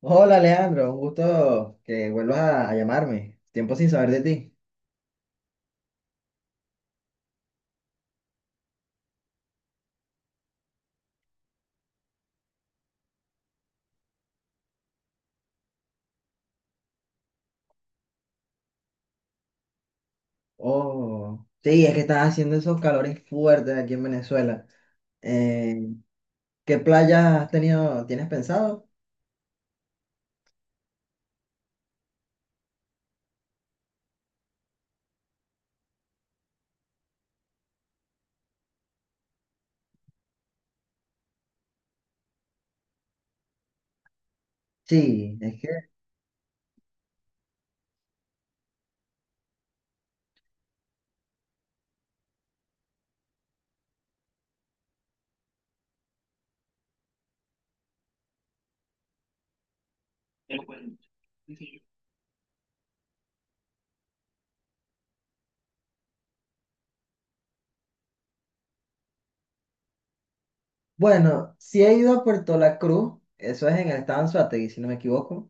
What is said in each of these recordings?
Hola Leandro, un gusto que vuelvas a llamarme. Tiempo sin saber de ti. Oh, sí, es que estás haciendo esos calores fuertes aquí en Venezuela. Eh, ¿Qué playa has tenido, tienes pensado? Sí, es que, bueno, sí he ido a Puerto La Cruz, eso es en el estado Anzoátegui, si no me equivoco,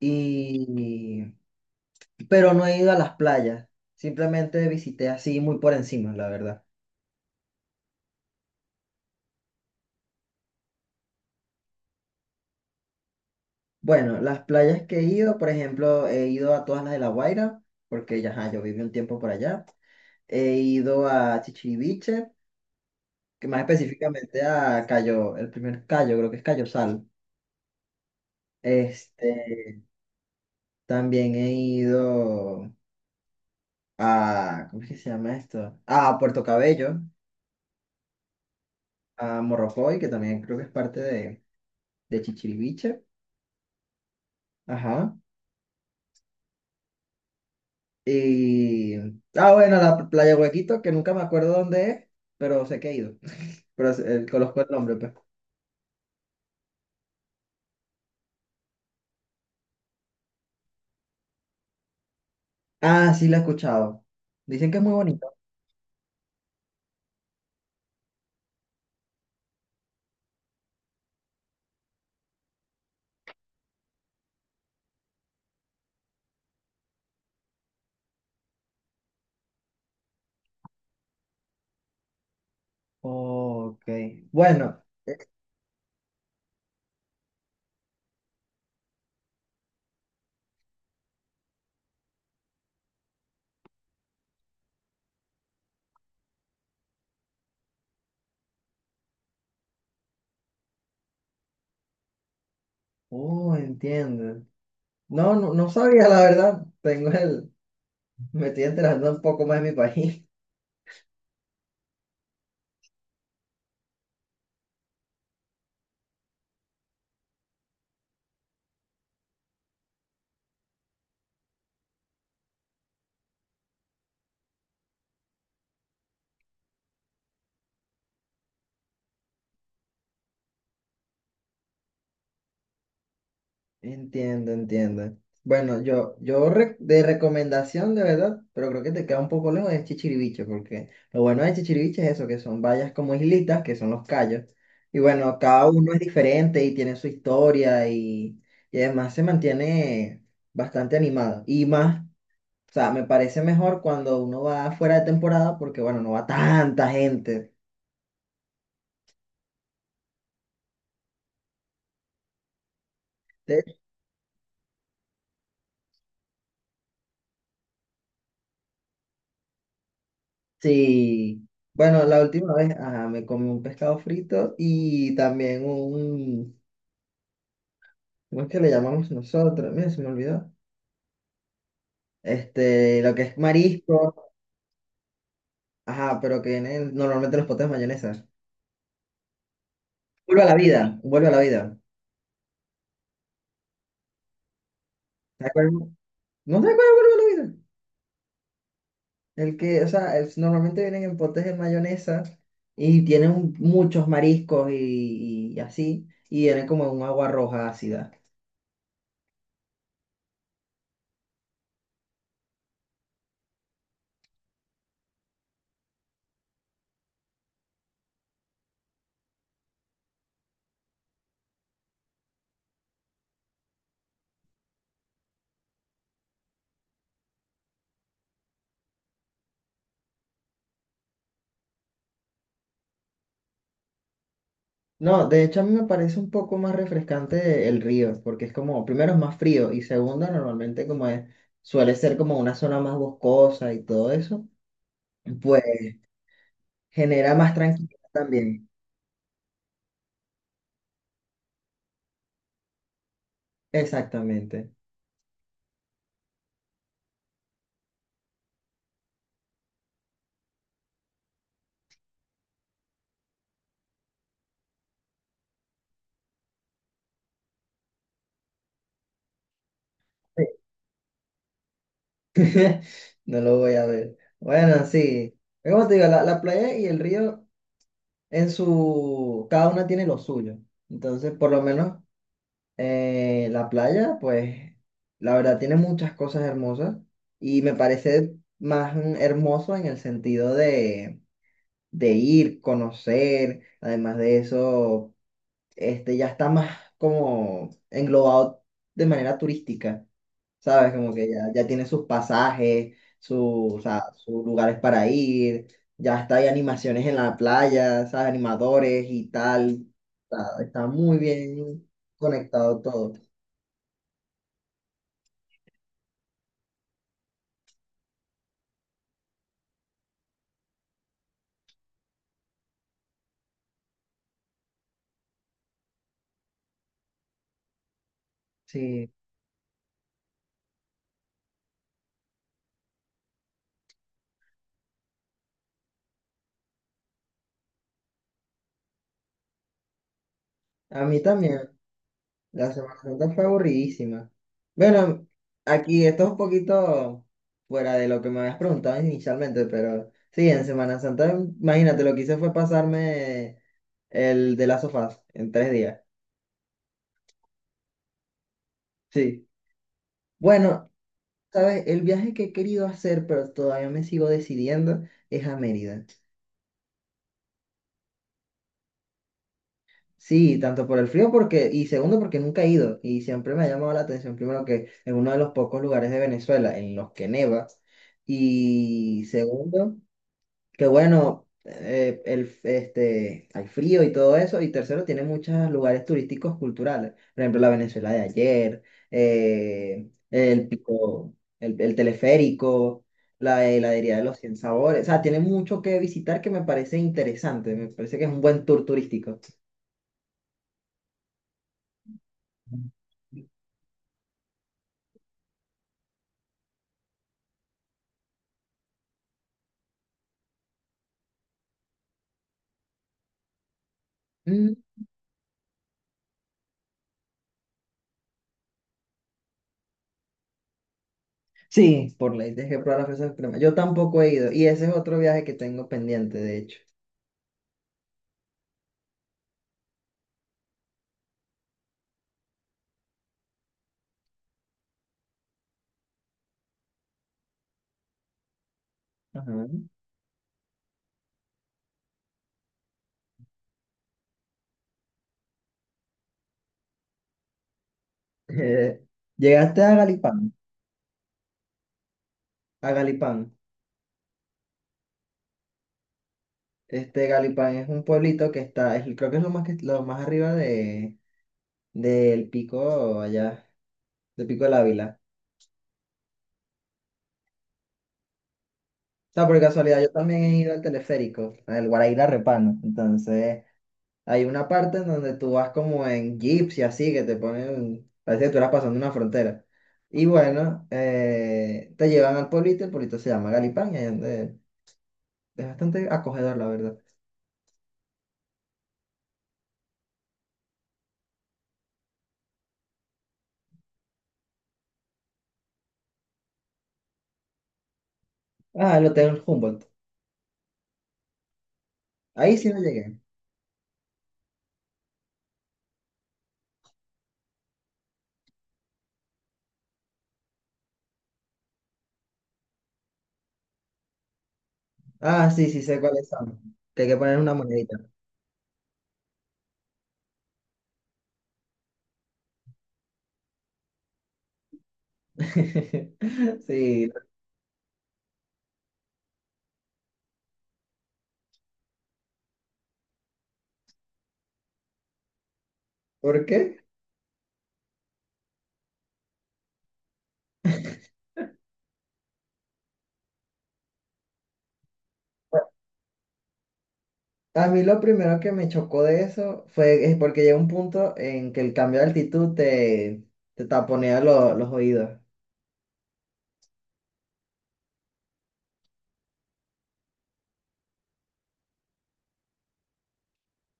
y, pero no he ido a las playas, simplemente visité así muy por encima, la verdad. Bueno, las playas que he ido, por ejemplo, he ido a todas las de La Guaira, porque ya, ajá, yo viví un tiempo por allá. He ido a Chichiriviche, que más específicamente a Cayo, el primer Cayo, creo que es Cayo Sal. Este, también he ido a, ¿cómo es que se llama esto? A Puerto Cabello, a Morrocoy, que también creo que es parte de Chichiriviche. Ajá. Y, ah, bueno, la playa Huequito, que nunca me acuerdo dónde es, pero sé que he ido. Pero conozco el nombre, pues. Ah, sí, la he escuchado. Dicen que es muy bonito. Ok. Bueno. Oh, entiendo. No, no, no sabía, la verdad. Tengo el. Me estoy enterando un poco más de mi país. Entiendo, entiendo. Bueno, yo de recomendación de verdad, pero creo que te queda un poco lejos de Chichiriviche, porque lo bueno de Chichiriviche es eso, que son vallas como islitas, que son los cayos. Y bueno, cada uno es diferente y tiene su historia y además se mantiene bastante animado. Y más, o sea, me parece mejor cuando uno va fuera de temporada, porque bueno, no va tanta gente. De- Sí. Bueno, la última vez, ajá, me comí un pescado frito y también un. ¿Cómo es que le llamamos nosotros? Mira, se me olvidó. Este, lo que es marisco, ajá, pero que viene normalmente en los potes de mayonesa. Vuelve a la vida, vuelve a la vida. ¿Te acuerdas? ¿No te acuerdas de vuelve a la vida? El que, o sea, normalmente vienen en potes de mayonesa y tienen muchos mariscos y así, y vienen como en un agua roja ácida. No, de hecho a mí me parece un poco más refrescante el río, porque es como, primero es más frío y segundo normalmente como es, suele ser como una zona más boscosa y todo eso. Pues genera más tranquilidad también. Exactamente. No lo voy a ver. Bueno, sí. Pero como te digo, la playa y el río en su. Cada una tiene lo suyo. Entonces, por lo menos la playa, pues, la verdad tiene muchas cosas hermosas y me parece más hermoso en el sentido de, ir, conocer. Además de eso, este ya está más como englobado de manera turística. ¿Sabes? Como que ya, ya tiene sus pasajes, o sea, sus lugares para ir, ya está, hay animaciones en la playa, ¿sabes? Animadores y tal. Está muy bien conectado todo. Sí, a mí también. La Semana Santa fue aburridísima. Bueno, aquí esto es un poquito fuera de lo que me habías preguntado inicialmente, pero sí, en Semana Santa, imagínate, lo que hice fue pasarme el de las sofás en 3 días. Sí. Bueno, ¿sabes? El viaje que he querido hacer, pero todavía me sigo decidiendo, es a Mérida. Sí, tanto por el frío porque, y segundo porque nunca he ido y siempre me ha llamado la atención, primero que es uno de los pocos lugares de Venezuela en los que neva y segundo que bueno, hay frío y todo eso. Y tercero, tiene muchos lugares turísticos culturales. Por ejemplo, la Venezuela de ayer, el pico, el teleférico, la heladería de los 100 sabores. O sea, tiene mucho que visitar que me parece interesante. Me parece que es un buen tour turístico. Mm. Sí, por ley, dejé que probar las fresas cremas. Yo tampoco he ido. Y ese es otro viaje que tengo pendiente, de hecho. Ajá. Eh, ¿Llegaste a Galipán? A Galipán. Este Galipán es un pueblito que está, creo que es lo más que lo más arriba de del pico allá, del pico del Ávila. O sea, por casualidad yo también he ido al teleférico, al Guaraíra Repano. Entonces, hay una parte en donde tú vas como en jeeps y así, que te ponen, parece que tú eras pasando una frontera. Y bueno, te llevan al pueblito, el pueblito se llama Galipán, y ahí es es bastante acogedor, la verdad. Ah, el Hotel Humboldt. Ahí sí no llegué. Ah, sí, sí sé cuáles son. Que hay que poner una moneda. Sí, ¿por qué? A mí lo primero que me chocó de eso fue es porque llega un punto en que el cambio de altitud te taponea los oídos.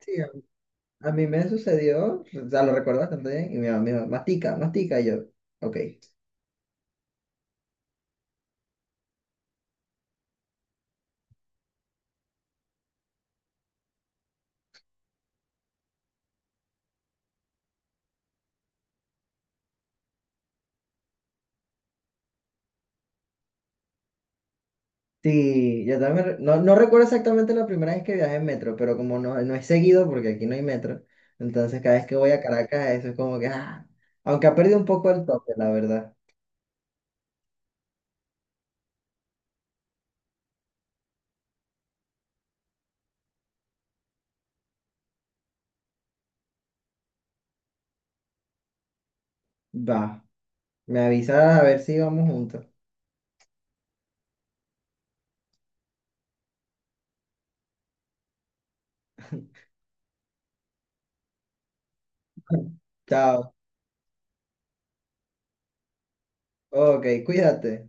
Sí, a mí me sucedió, o sea, lo recuerdo bastante bien, y mi mamá me dijo, mastica, mastica, y yo, ok. Sí, yo también, no, no recuerdo exactamente la primera vez que viajé en metro, pero como no, no es seguido, porque aquí no hay metro, entonces cada vez que voy a Caracas, eso es como que, aunque ha perdido un poco el toque, la verdad. Va, me avisas a ver si vamos juntos. Chao. Ok, cuídate.